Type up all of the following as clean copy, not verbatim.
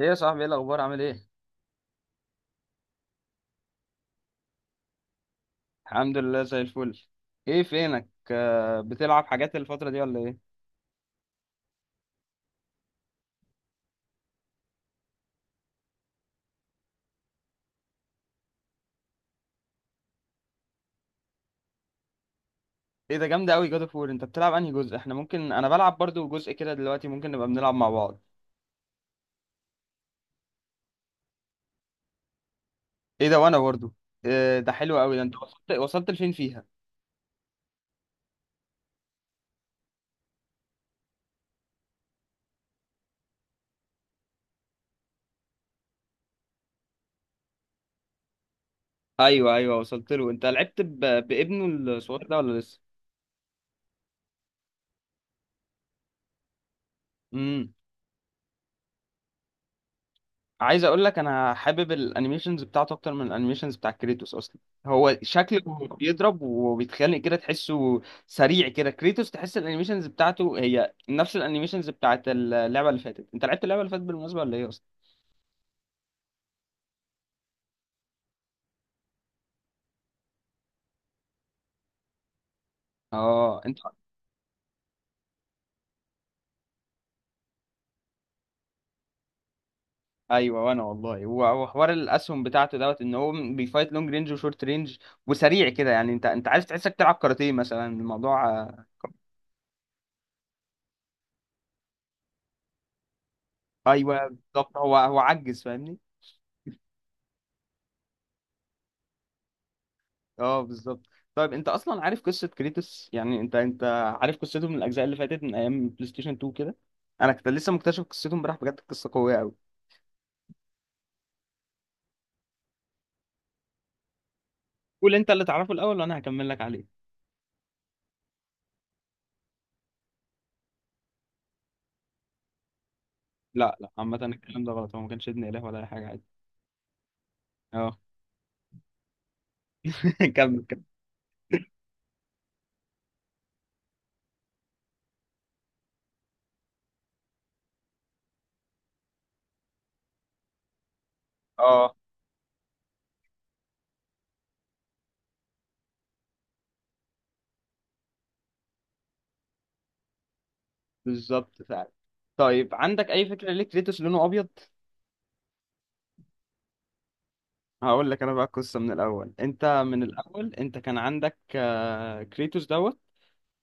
ايه يا صاحبي، ايه الاخبار، عامل ايه؟ الحمد لله زي الفل. ايه فينك؟ بتلعب حاجات الفتره دي ولا ايه؟ ايه ده جامده قوي جاد اوف وور. انت بتلعب انهي جزء؟ احنا ممكن، انا بلعب برضو جزء كده دلوقتي، ممكن نبقى بنلعب مع بعض. ايه ده وانا برضو. إيه ده حلو قوي. ده انت وصلت لفين فيها؟ ايوه ايوه وصلت له. انت لعبت بابنه الصغير ده ولا لسه؟ امم. عايز اقول لك، انا حابب الانيميشنز بتاعته اكتر من الانيميشنز بتاع كريتوس اصلا. هو شكله بيضرب وبيتخانق كده، تحسه سريع كده. كريتوس تحس الانيميشنز بتاعته هي نفس الانيميشنز بتاعت اللعبه اللي فاتت. انت لعبت اللعبه اللي فاتت بالمناسبه ولا ايه اصلا؟ اه انت. ايوه، وانا والله، هو حوار الاسهم بتاعته دوت، ان هو بيفايت لونج رينج وشورت رينج وسريع كده. يعني انت عايز تحسك تلعب كاراتيه مثلا، الموضوع ايوه بالظبط، هو عجز فاهمني. اه بالظبط. طيب انت اصلا عارف قصه كريتوس؟ يعني انت عارف قصته من الاجزاء اللي فاتت من ايام بلاي ستيشن 2 كده؟ انا كنت لسه مكتشف قصته امبارح، بجد قصه قويه قوي. قول انت اللي تعرفه الاول وانا هكمل لك عليه. لا لا، عامه الكلام ده غلط، هو ما كانش ابن اله ولا اي حاجه عادي. اه. كمل كمل. اه بالظبط فعلا. طيب عندك اي فكره ليه كريتوس لونه ابيض؟ هقول لك انا بقى القصه من الاول. انت كان عندك كريتوس دوت.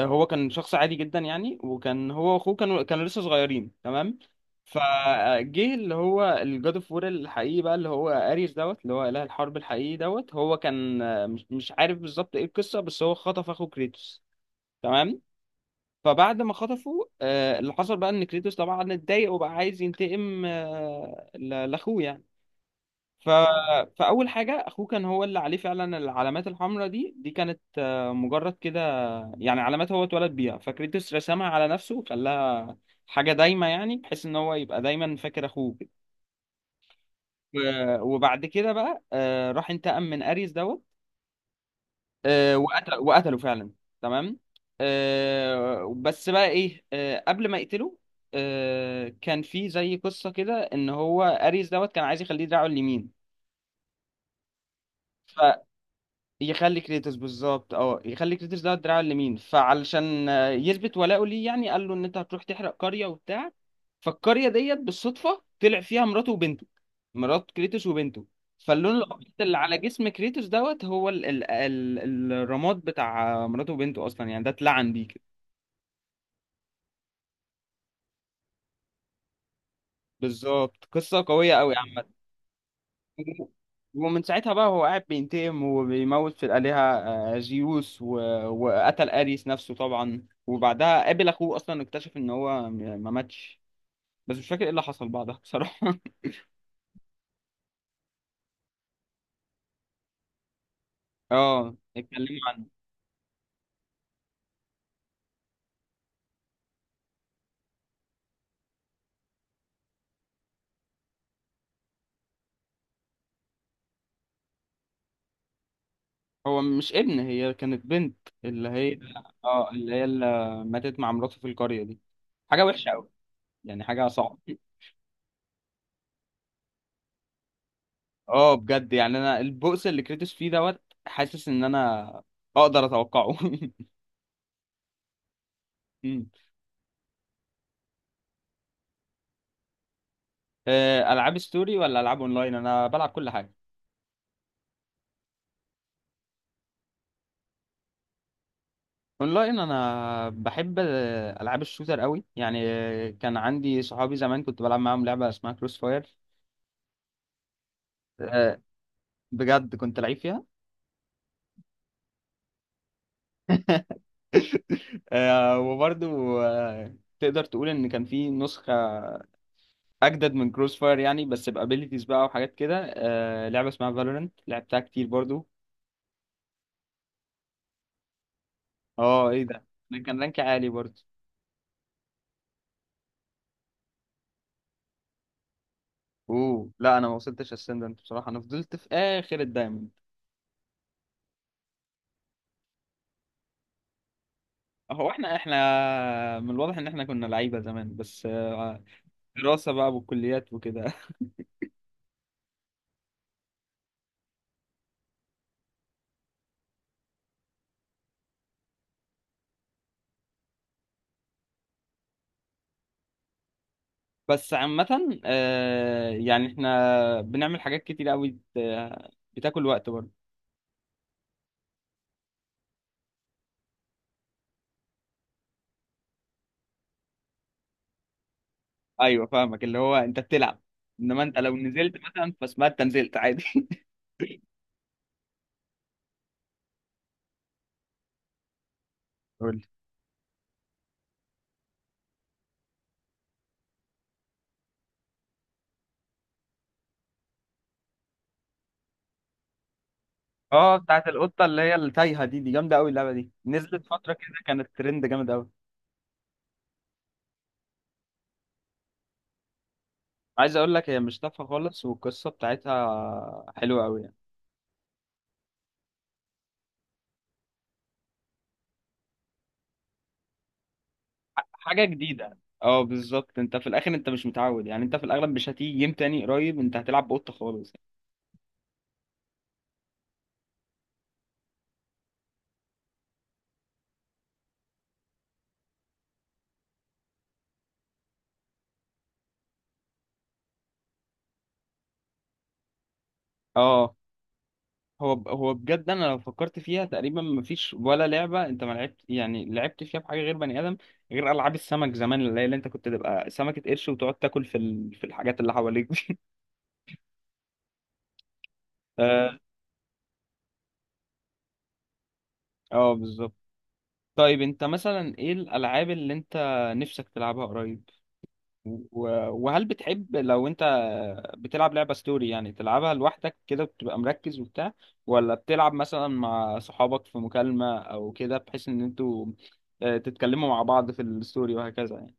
هو كان شخص عادي جدا يعني، وكان هو واخوه كانوا لسه صغيرين تمام. فجه اللي هو الجاد اوف وور الحقيقي بقى، اللي هو اريس دوت، اللي هو اله الحرب الحقيقي دوت. هو كان، مش عارف بالظبط ايه القصه، بس هو خطف اخو كريتوس. تمام. فبعد ما خطفه، اللي حصل بقى ان كريتوس طبعا اتضايق وبقى عايز ينتقم، لاخوه يعني. ف... فاول حاجه، اخوه كان هو اللي عليه فعلا العلامات الحمراء دي. كانت مجرد كده يعني علامات هو اتولد بيها، فكريتوس رسمها على نفسه، خلاها حاجة دايمة، يعني بحيث ان هو يبقى دايما فاكر اخوه كده. وبعد كده بقى، راح انتقم من اريس دوت. وقتله فعلا. تمام. بس بقى ايه قبل ما يقتله، كان في زي قصة كده، ان هو اريس دوت كان عايز يخليه دراعه اليمين. يخلي كريتوس، بالظبط، اه يخلي كريتوس ده الدراع اليمين، فعلشان يثبت ولاؤه ليه، يعني قال له ان انت هتروح تحرق قرية وبتاع. فالقرية ديت بالصدفة طلع فيها مراته وبنته، مرات كريتوس وبنته. فاللون الابيض اللي على جسم كريتوس دوت هو ال ال ال الرماد بتاع مراته وبنته اصلا، يعني ده اتلعن بيه كده. بالظبط، قصة قوية قوي عامه. ومن ساعتها بقى هو قاعد بينتقم وبيموت في الآلهة، زيوس وقتل أريس نفسه طبعا. وبعدها قابل أخوه، أصلا اكتشف إن هو ما ماتش، بس مش فاكر إيه اللي حصل بعدها بصراحة. اه اتكلموا عنه. هو مش ابن، هي كانت بنت، اللي هي. اه اللي هي اللي ماتت مع مراته في القرية دي. حاجة وحشة أوي، يعني حاجة صعبة. اه بجد، يعني أنا البؤس اللي كريتوس فيه دوت، حاسس إن أنا أقدر أتوقعه. مم. العاب ستوري ولا العاب اونلاين؟ انا بلعب كل حاجه. اونلاين انا بحب العاب الشوتر قوي يعني. كان عندي صحابي زمان كنت بلعب معاهم لعبه اسمها كروس فاير. آه، بجد كنت لعيب فيها. آه، وبرضو آه، تقدر تقول ان كان في نسخه اجدد من كروس فاير يعني، بس بابيليتيز بقى وحاجات كده، لعبه اسمها فالورنت لعبتها كتير برضو. اه ايه ده، ده كان رانك عالي برضو. اوه لا، انا ما وصلتش اسندنت بصراحه، انا فضلت في اخر الدايموند. هو احنا من الواضح ان احنا كنا لعيبه زمان، بس دراسه بقى والكليات وكده. بس عامه يعني احنا بنعمل حاجات كتير قوي، بت- بتاكل وقت برضه. ايوه فاهمك، اللي هو انت بتلعب، انما انت لو نزلت مثلا فاسمها انت نزلت عادي. قول لي. اه بتاعت القطه اللي هي التايهه دي جامده قوي. اللعبه دي نزلت فتره كده كانت ترند جامد قوي. عايز اقول لك، هي مش تافهه خالص، والقصه بتاعتها حلوه قوي. حاجه جديده. اه بالظبط، انت في الاخر انت مش متعود، يعني انت في الاغلب مش هتيجي جيم تاني قريب انت هتلعب بقطه خالص. اه، هو بجد انا لو فكرت فيها تقريبا مفيش ولا لعبه انت ما لعبت، يعني لعبت فيها بحاجه غير بني ادم، غير العاب السمك زمان، اللي هي اللي انت كنت تبقى سمكه قرش وتقعد تاكل في الحاجات اللي حواليك دي. اه اه بالظبط. طيب انت مثلا ايه الالعاب اللي انت نفسك تلعبها قريب؟ وهل بتحب لو انت بتلعب لعبة ستوري، يعني تلعبها لوحدك كده بتبقى مركز وبتاع، ولا بتلعب مثلا مع صحابك في مكالمة او كده، بحيث ان انتوا تتكلموا مع بعض في الستوري وهكذا يعني؟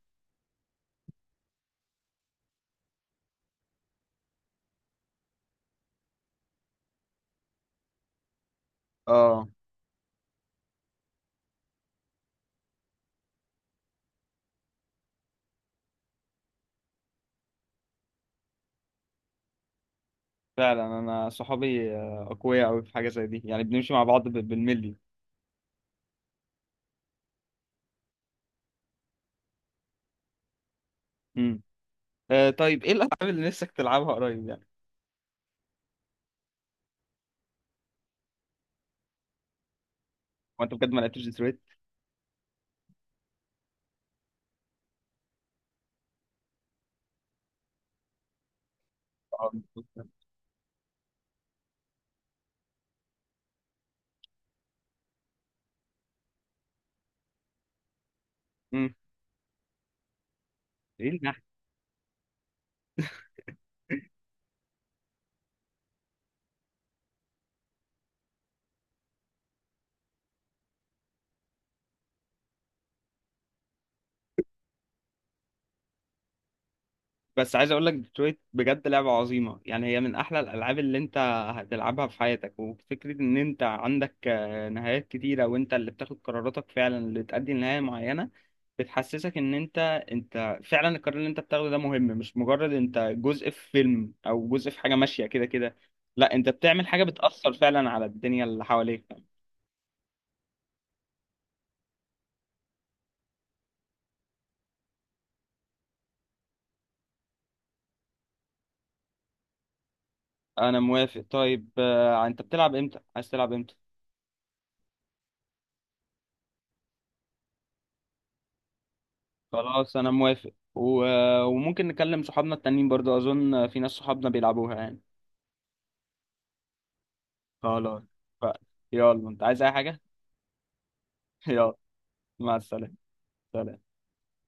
اه فعلا، انا صحابي اقوياء قوي في حاجة زي دي، يعني بنمشي مع بعض بالملي. امم. طيب ايه الالعاب اللي نفسك تلعبها قريب يعني؟ وانت بجد ما لعبتش ديترويت؟ اه. امم. ايه، بس عايز اقول لك، ديترويت بجد لعبه عظيمه، يعني هي من احلى الالعاب اللي انت هتلعبها في حياتك. وفكره ان انت عندك نهايات كتيره وانت اللي بتاخد قراراتك فعلا اللي تؤدي لنهايه معينه، بتحسسك ان انت فعلا القرار اللي انت بتاخده ده مهم، مش مجرد انت جزء في فيلم او جزء في حاجه ماشيه كده كده. لا، انت بتعمل حاجه بتاثر فعلا على الدنيا اللي حواليك. انا موافق. طيب انت بتلعب امتى؟ عايز تلعب امتى؟ خلاص انا موافق. وممكن نكلم صحابنا التانيين برضو، اظن في ناس صحابنا بيلعبوها يعني. خلاص. ف... يلا انت عايز اي حاجة؟ يلا. مع السلامة. سلام.